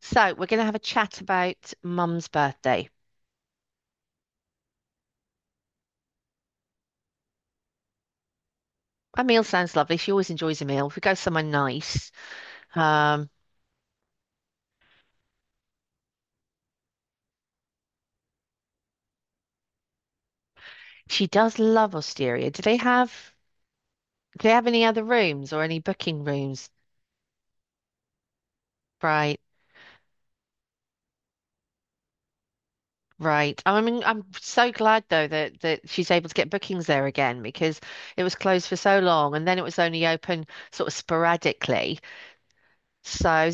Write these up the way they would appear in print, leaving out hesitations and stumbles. So we're going to have a chat about Mum's birthday. A meal sounds lovely. She always enjoys a meal. If we go somewhere nice, um, she does love Osteria. Do they have any other rooms or any booking rooms? Right, right. I mean, I'm so glad though that she's able to get bookings there again because it was closed for so long and then it was only open sort of sporadically. So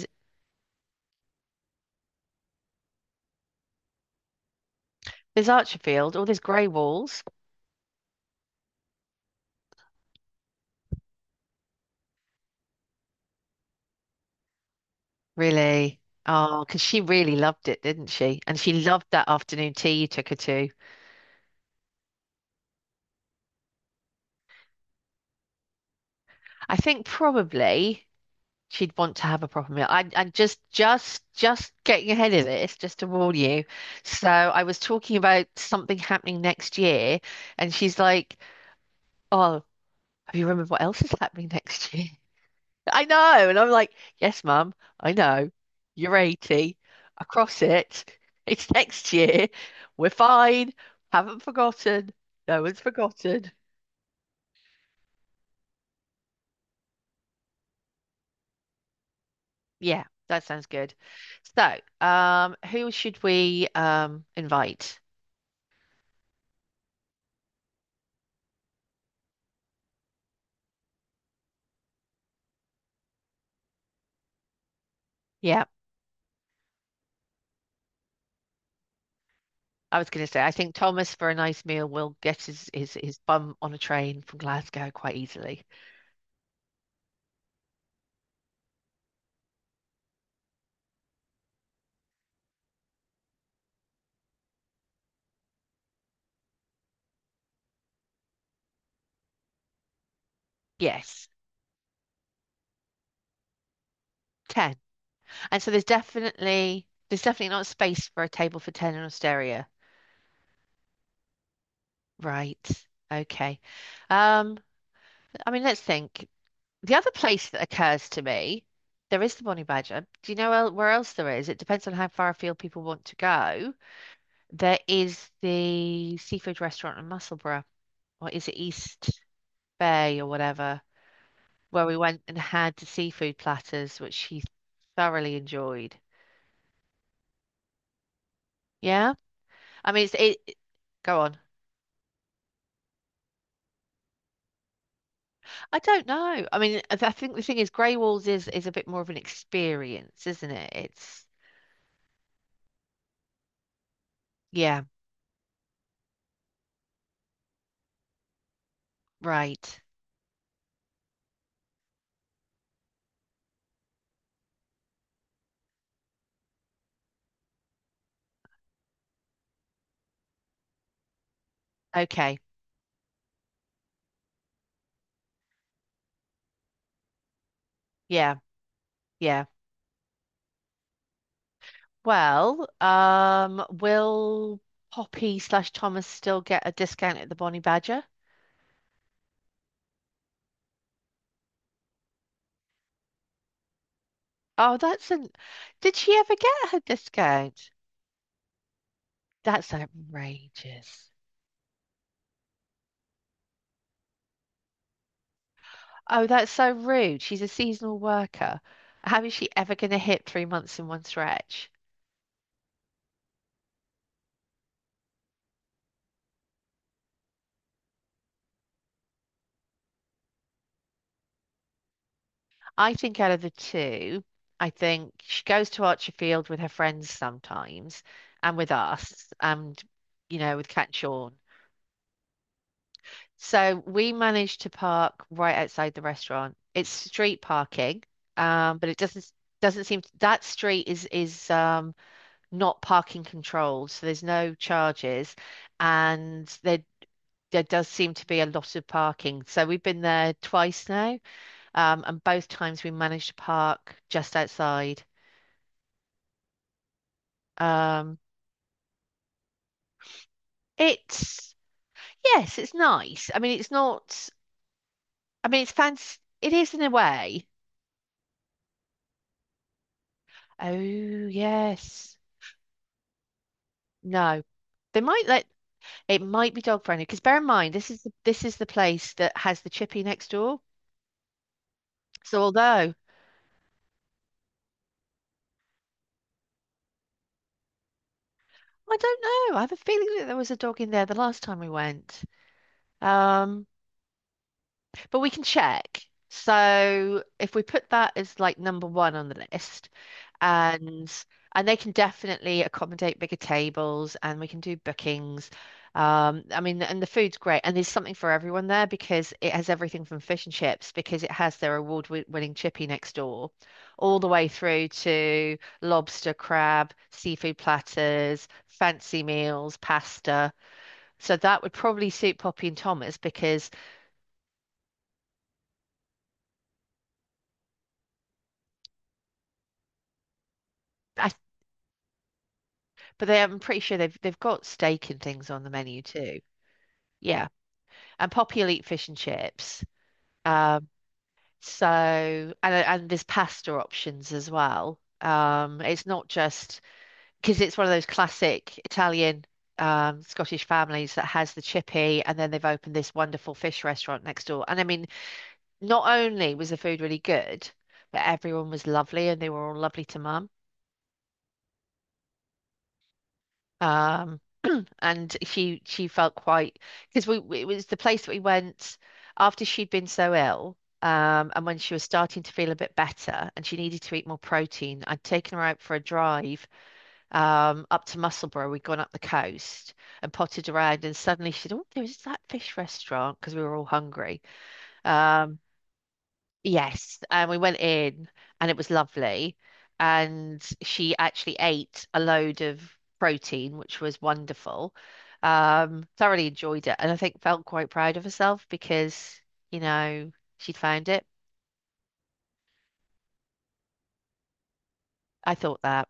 there's Archerfield, all there's grey walls. Really? Oh, because she really loved it, didn't she? And she loved that afternoon tea you took her to. I think probably she'd want to have a proper meal. I'm just getting ahead of this, just to warn you. So I was talking about something happening next year, and she's like, "Oh, have you remembered what else is happening next year?" I know. And I'm like, yes, mum, I know. You're 80. Across it. It's next year. We're fine. Haven't forgotten. No one's forgotten. Yeah, that sounds good. So, who should we invite? Yeah, I was going to say, I think Thomas for a nice meal will get his his bum on a train from Glasgow quite easily. Yes, ten. And so there's definitely not space for a table for ten in Osteria. Right. Okay. Um, I mean, let's think. The other place that occurs to me, there is the Bonnie Badger. Do you know where else there is? It depends on how far afield people want to go. There is the seafood restaurant in Musselburgh, or is it East Bay or whatever, where we went and had the seafood platters, which he thoroughly enjoyed. Yeah. I mean, it's, it- go on. I don't know. I mean, I think the thing is, Grey Walls is a bit more of an experience, isn't it? It's yeah, right. Okay. Yeah, yeah. Well, will Poppy slash Thomas still get a discount at the Bonnie Badger? Oh, that's an. Did she ever get her discount? That's outrageous. Oh, that's so rude. She's a seasonal worker. How is she ever going to hit 3 months in one stretch? I think out of the two, I think she goes to Archerfield with her friends sometimes and with us and, you know, with Cat Sean. So we managed to park right outside the restaurant. It's street parking, but it doesn't seem that street is not parking controlled, so there's no charges, and there does seem to be a lot of parking. So we've been there twice now, and both times we managed to park just outside. Um, it's yes, it's nice. I mean, it's not. I mean, it's fancy. It is in a way. Oh yes. No. They might let it might be dog friendly because bear in mind this is the place that has the chippy next door. So although I don't know, I have a feeling that there was a dog in there the last time we went. Um, but we can check. So if we put that as like number one on the list, and and they can definitely accommodate bigger tables and we can do bookings, um, I mean, and the food's great, and there's something for everyone there because it has everything from fish and chips, because it has their award-winning chippy next door, all the way through to lobster, crab, seafood platters, fancy meals, pasta, so that would probably suit Poppy and Thomas because I, but they I'm pretty sure they've got steak and things on the menu too, yeah, and Poppy will eat fish and chips. Um. So, and there's pasta options as well. It's not just because it's one of those classic Italian, Scottish families that has the chippy, and then they've opened this wonderful fish restaurant next door. And I mean, not only was the food really good, but everyone was lovely, and they were all lovely to mum. Um, and she felt quite because it was the place that we went after she'd been so ill, and when she was starting to feel a bit better and she needed to eat more protein, I'd taken her out for a drive up to Musselburgh. We'd gone up the coast and potted around, and suddenly she said, "Oh, there's that fish restaurant," because we were all hungry. Um, Yes, and we went in and it was lovely. And she actually ate a load of protein, which was wonderful. Thoroughly enjoyed it and I think felt quite proud of herself because, you know, she'd found it. I thought that.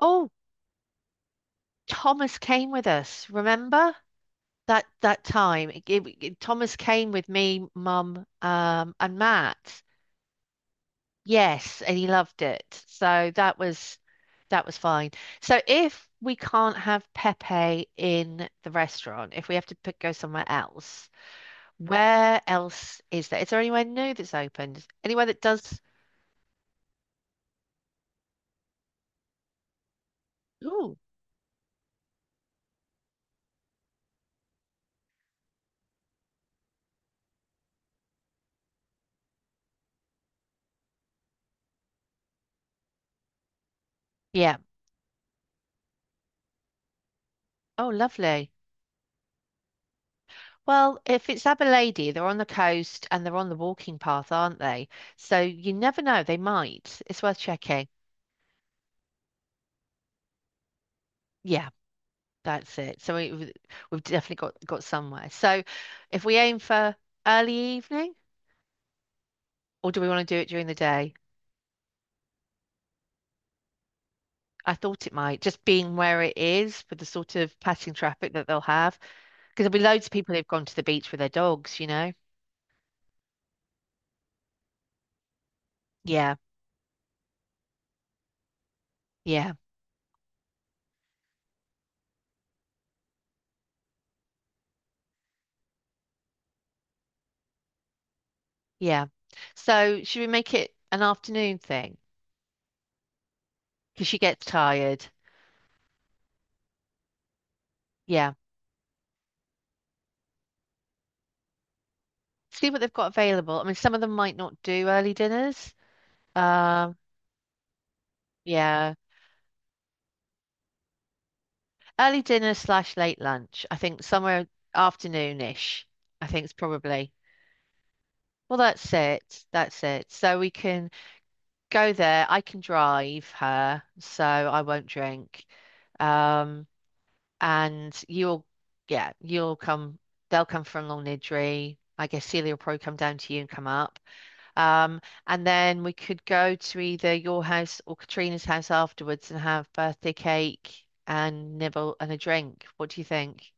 Oh, Thomas came with us, remember? That that time. It- it- Thomas came with me, Mum, and Matt. Yes, and he loved it. So that was fine. So if we can't have Pepe in the restaurant, if we have to pick, go somewhere else, where else is there? Is there anywhere new that's opened? Anywhere that does? Ooh, yeah. Oh, lovely. Well, if it's Abilady, they're on the coast and they're on the walking path, aren't they? So you never know, they might. It's worth checking. Yeah. That's it. So we've definitely got somewhere. So if we aim for early evening, or do we want to do it during the day? I thought it might, just being where it is for the sort of passing traffic that they'll have, because there'll be loads of people who've gone to the beach with their dogs, you know? Yeah, yeah, yeah. So should we make it an afternoon thing? Because she gets tired. Yeah. See what they've got available. I mean, some of them might not do early dinners. Um, yeah. Early dinner slash late lunch. I think somewhere afternoonish. I think it's probably. Well, that's it. That's it. So we can go there. I can drive her, so I won't drink. Um, and yeah, you'll come. They'll come from Long Nidri. I guess Celia will probably come down to you and come up. Um, and then we could go to either your house or Katrina's house afterwards and have birthday cake and nibble and a drink. What do you think?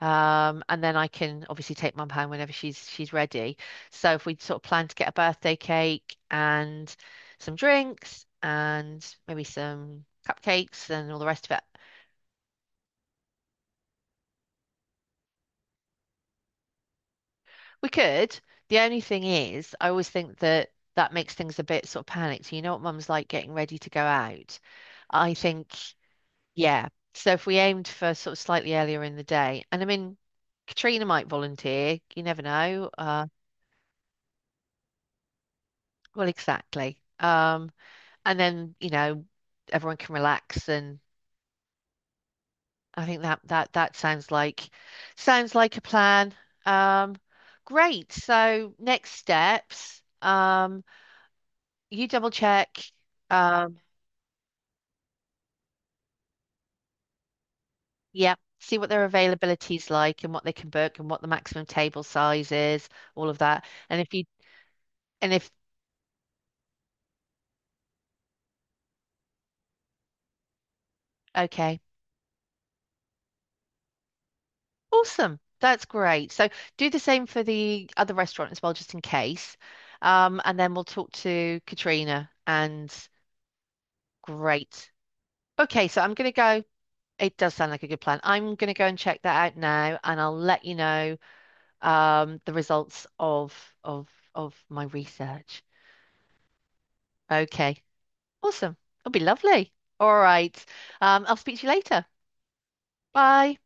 And then I can obviously take mum home whenever she's ready. So if we sort of plan to get a birthday cake and some drinks and maybe some cupcakes and all the rest of it, we could. The only thing is, I always think that that makes things a bit sort of panicked. You know what mum's like getting ready to go out. I think, yeah. So if we aimed for sort of slightly earlier in the day, and I mean, Katrina might volunteer. You never know. Well, exactly. And then, you know, everyone can relax and I think that that sounds like a plan. Um, great. So next steps, you double check, um, yeah, see what their availability is like and what they can book and what the maximum table size is, all of that. And if you and if okay, awesome. That's great. So do the same for the other restaurant as well, just in case. And then we'll talk to Katrina and great. Okay, so I'm going to go. It does sound like a good plan. I'm going to go and check that out now, and I'll let you know the results of of of my research. Okay, awesome. It'll be lovely. All right. I'll speak to you later. Bye.